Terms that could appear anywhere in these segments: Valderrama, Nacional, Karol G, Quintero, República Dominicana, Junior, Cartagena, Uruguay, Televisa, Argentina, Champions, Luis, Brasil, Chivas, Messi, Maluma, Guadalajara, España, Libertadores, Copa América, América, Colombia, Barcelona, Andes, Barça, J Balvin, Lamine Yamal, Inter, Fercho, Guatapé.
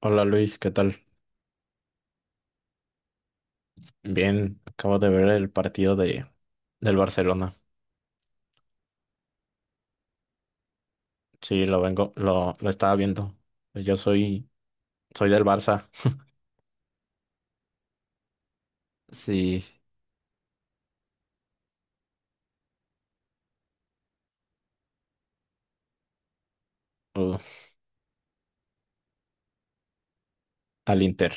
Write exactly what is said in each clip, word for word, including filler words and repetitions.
Hola Luis, ¿qué tal? Bien, acabo de ver el partido de del Barcelona. Sí, lo vengo, lo, lo estaba viendo. Yo soy, soy del Barça. Sí, uh, al Inter.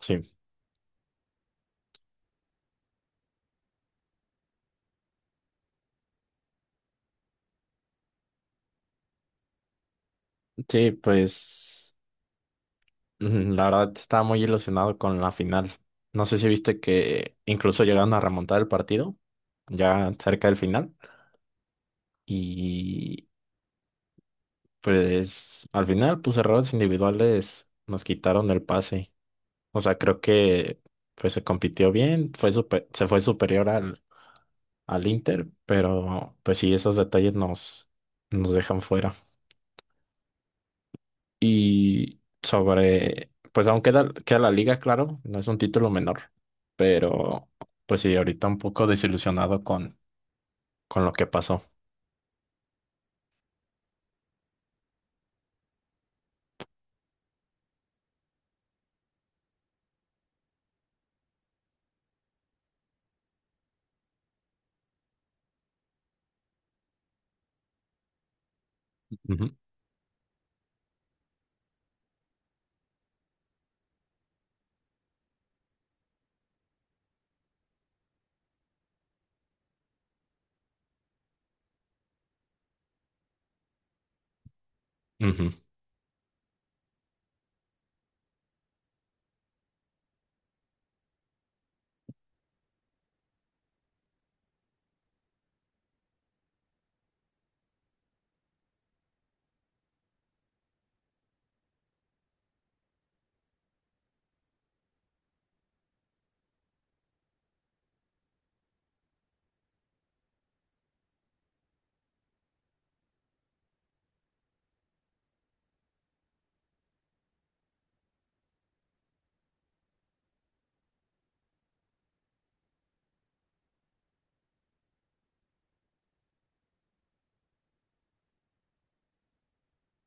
Sí. Sí, pues mm, la verdad estaba muy ilusionado con la final. No sé si viste que incluso llegaron a remontar el partido, ya cerca del final. Y pues al final, pues errores individuales nos quitaron el pase. O sea, creo que pues se compitió bien, fue supe- se fue superior al, al Inter, pero pues sí, esos detalles nos, nos dejan fuera. Y sobre, pues aún queda, queda la liga, claro, no es un título menor, pero pues sí, ahorita un poco desilusionado con, con lo que pasó. Ujú, ujú.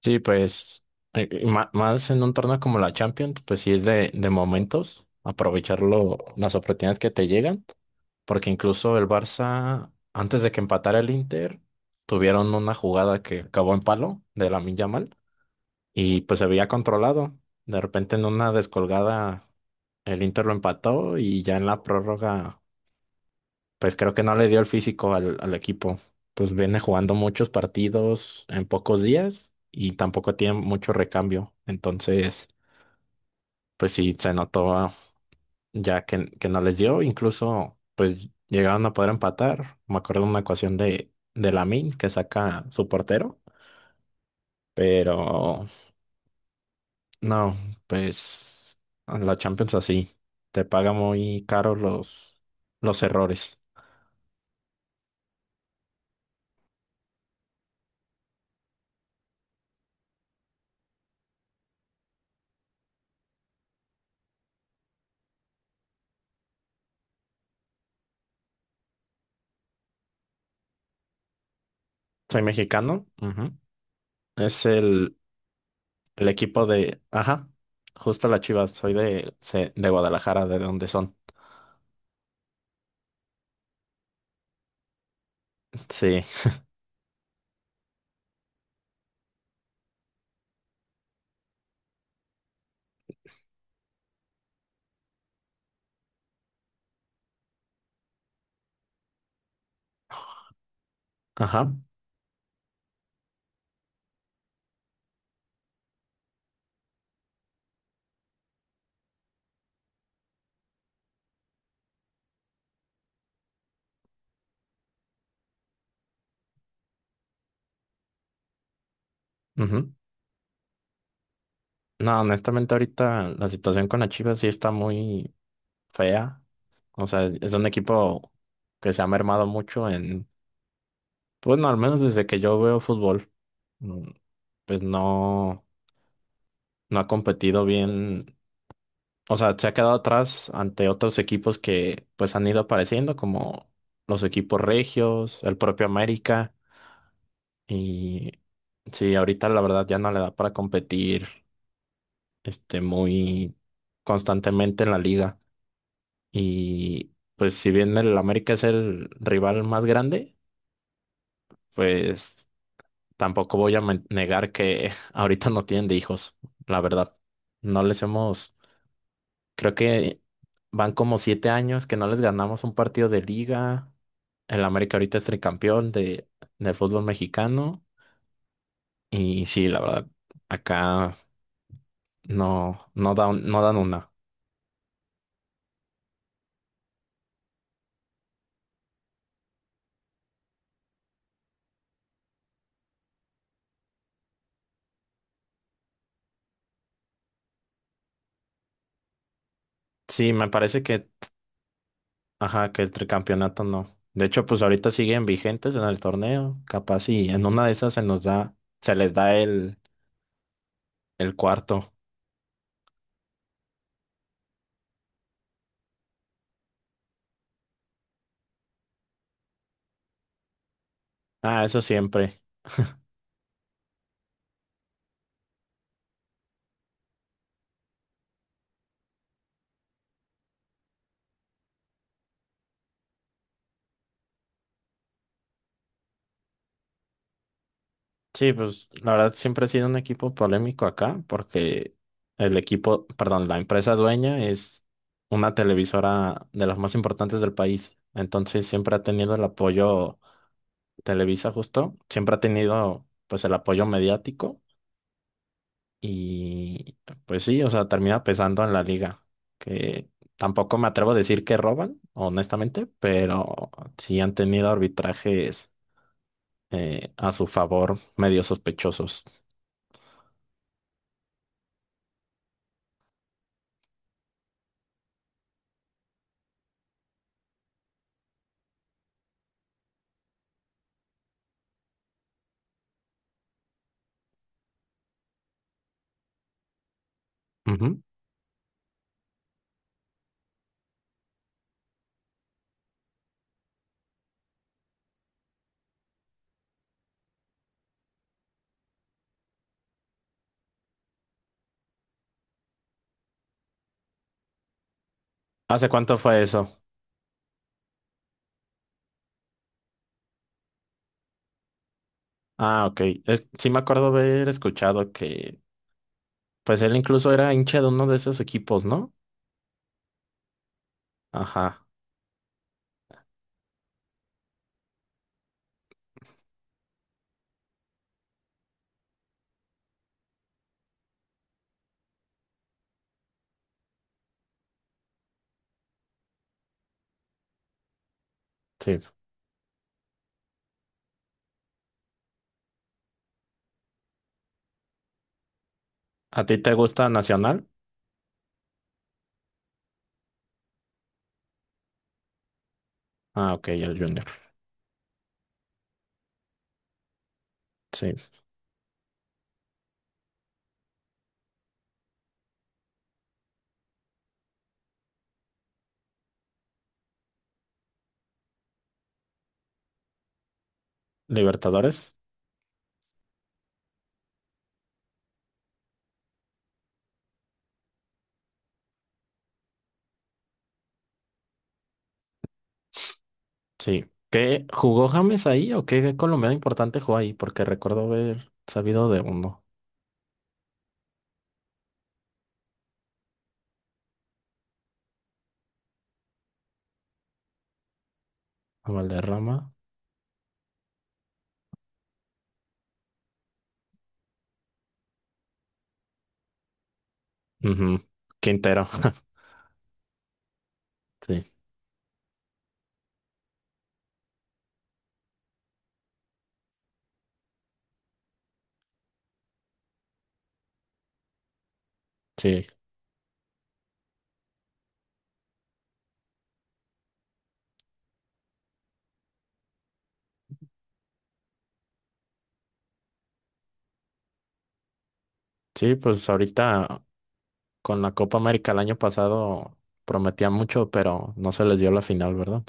Sí, pues eh, eh, ma- más en un torneo como la Champions, pues sí es de, de momentos, aprovechar lo- las oportunidades que te llegan. Porque incluso el Barça, antes de que empatara el Inter, tuvieron una jugada que acabó en palo de Lamine Yamal y pues se había controlado. De repente en una descolgada el Inter lo empató y ya en la prórroga, pues creo que no le dio el físico al, al equipo. Pues viene jugando muchos partidos en pocos días y tampoco tiene mucho recambio. Entonces, pues sí, se notó ya que, que no les dio, incluso pues llegaron a poder empatar. Me acuerdo de una ecuación de, de Lamine que saca su portero, pero no, pues la Champions así, te paga muy caro los, los errores. Soy mexicano, ujú. Es el, el equipo de, ajá, justo la Chivas, soy de, se- de Guadalajara, de donde son. Sí, ajá. Ujú. No, honestamente ahorita la situación con la Chivas sí está muy fea. O sea, es es un equipo que se ha mermado mucho en, pues no, al menos desde que yo veo fútbol, mm, pues no, no ha competido bien. O sea, se ha quedado atrás ante otros equipos que pues han ido apareciendo, como los equipos regios, el propio América. Y sí, ahorita la verdad ya no le da para competir este, muy constantemente en la liga. Y pues si bien el América es el rival más grande, pues tampoco voy a men- negar que ahorita no tienen de hijos, la verdad. No les hemos, creo que van como siete años que no les ganamos un partido de liga. El América ahorita es tricampeón de, del fútbol mexicano. Y sí, la verdad, acá no, no dan, no dan una. Sí, me parece que, ajá, que el tricampeonato no. De hecho, pues ahorita siguen vigentes en el torneo. Capaz y en una de esas se nos da, se les da el, el cuarto. Ah, eso siempre. Sí, pues la verdad siempre ha sido un equipo polémico acá porque el equipo, perdón, la empresa dueña es una televisora de las más importantes del país. Entonces siempre ha tenido el apoyo. Televisa justo, siempre ha tenido pues el apoyo mediático y pues sí, o sea, termina pesando en la liga, que tampoco me atrevo a decir que roban, honestamente, pero sí han tenido arbitrajes eh, a su favor medio sospechosos. ¿Hace cuánto fue eso? Ah, ok. Es- sí me acuerdo haber escuchado que, pues él incluso era hincha de uno de esos equipos, ¿no? Ajá, sí. ¿A ti te gusta Nacional? Ah, ok, el Junior. Sí. ¿Libertadores? Sí. ¿Qué jugó James ahí o qué colombiano importante jugó ahí? Porque recuerdo haber sabido de uno. Valderrama. Ujú. Quintero. Sí, sí. Sí, pues ahorita con la Copa América el año pasado prometía mucho, pero no se les dio la final, ¿verdad?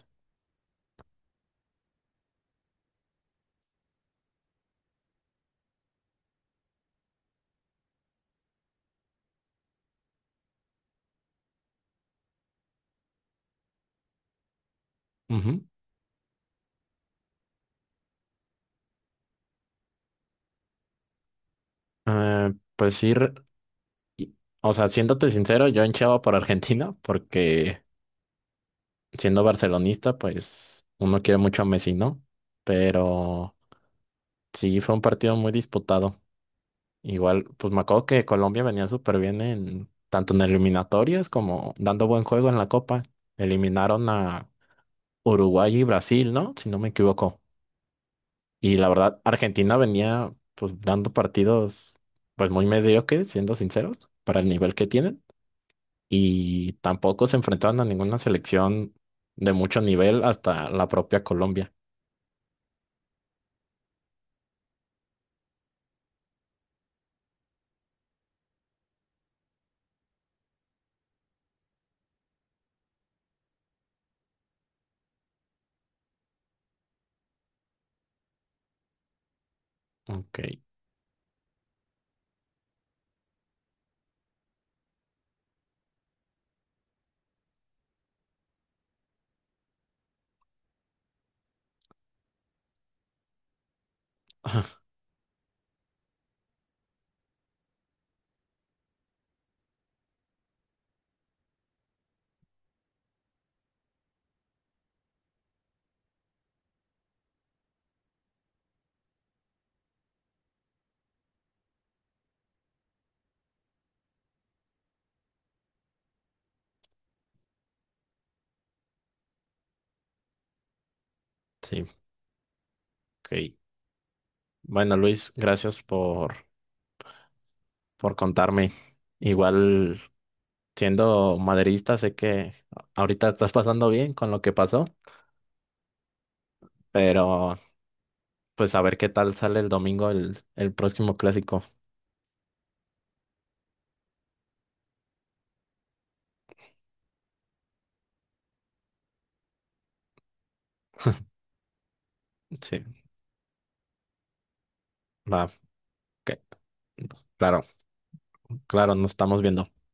Ujú. Eh, pues ir y- o sea, siéndote sincero, yo hinchaba por Argentina porque siendo barcelonista, pues uno quiere mucho a Messi, ¿no? Pero sí, fue un partido muy disputado. Igual, pues me acuerdo que Colombia venía súper bien en tanto en eliminatorias como dando buen juego en la Copa. Eliminaron a Uruguay y Brasil, ¿no? Si no me equivoco. Y la verdad, Argentina venía pues dando partidos pues muy mediocres, siendo sinceros, para el nivel que tienen. Y tampoco se enfrentaron a ninguna selección de mucho nivel hasta la propia Colombia. Ok, sí, ok. Bueno, Luis, gracias por, por contarme. Igual siendo maderista, sé que ahorita estás pasando bien con lo que pasó, pero pues a ver qué tal sale el domingo el, el próximo clásico. Sí, va. Ok. Claro, claro, nos estamos viendo.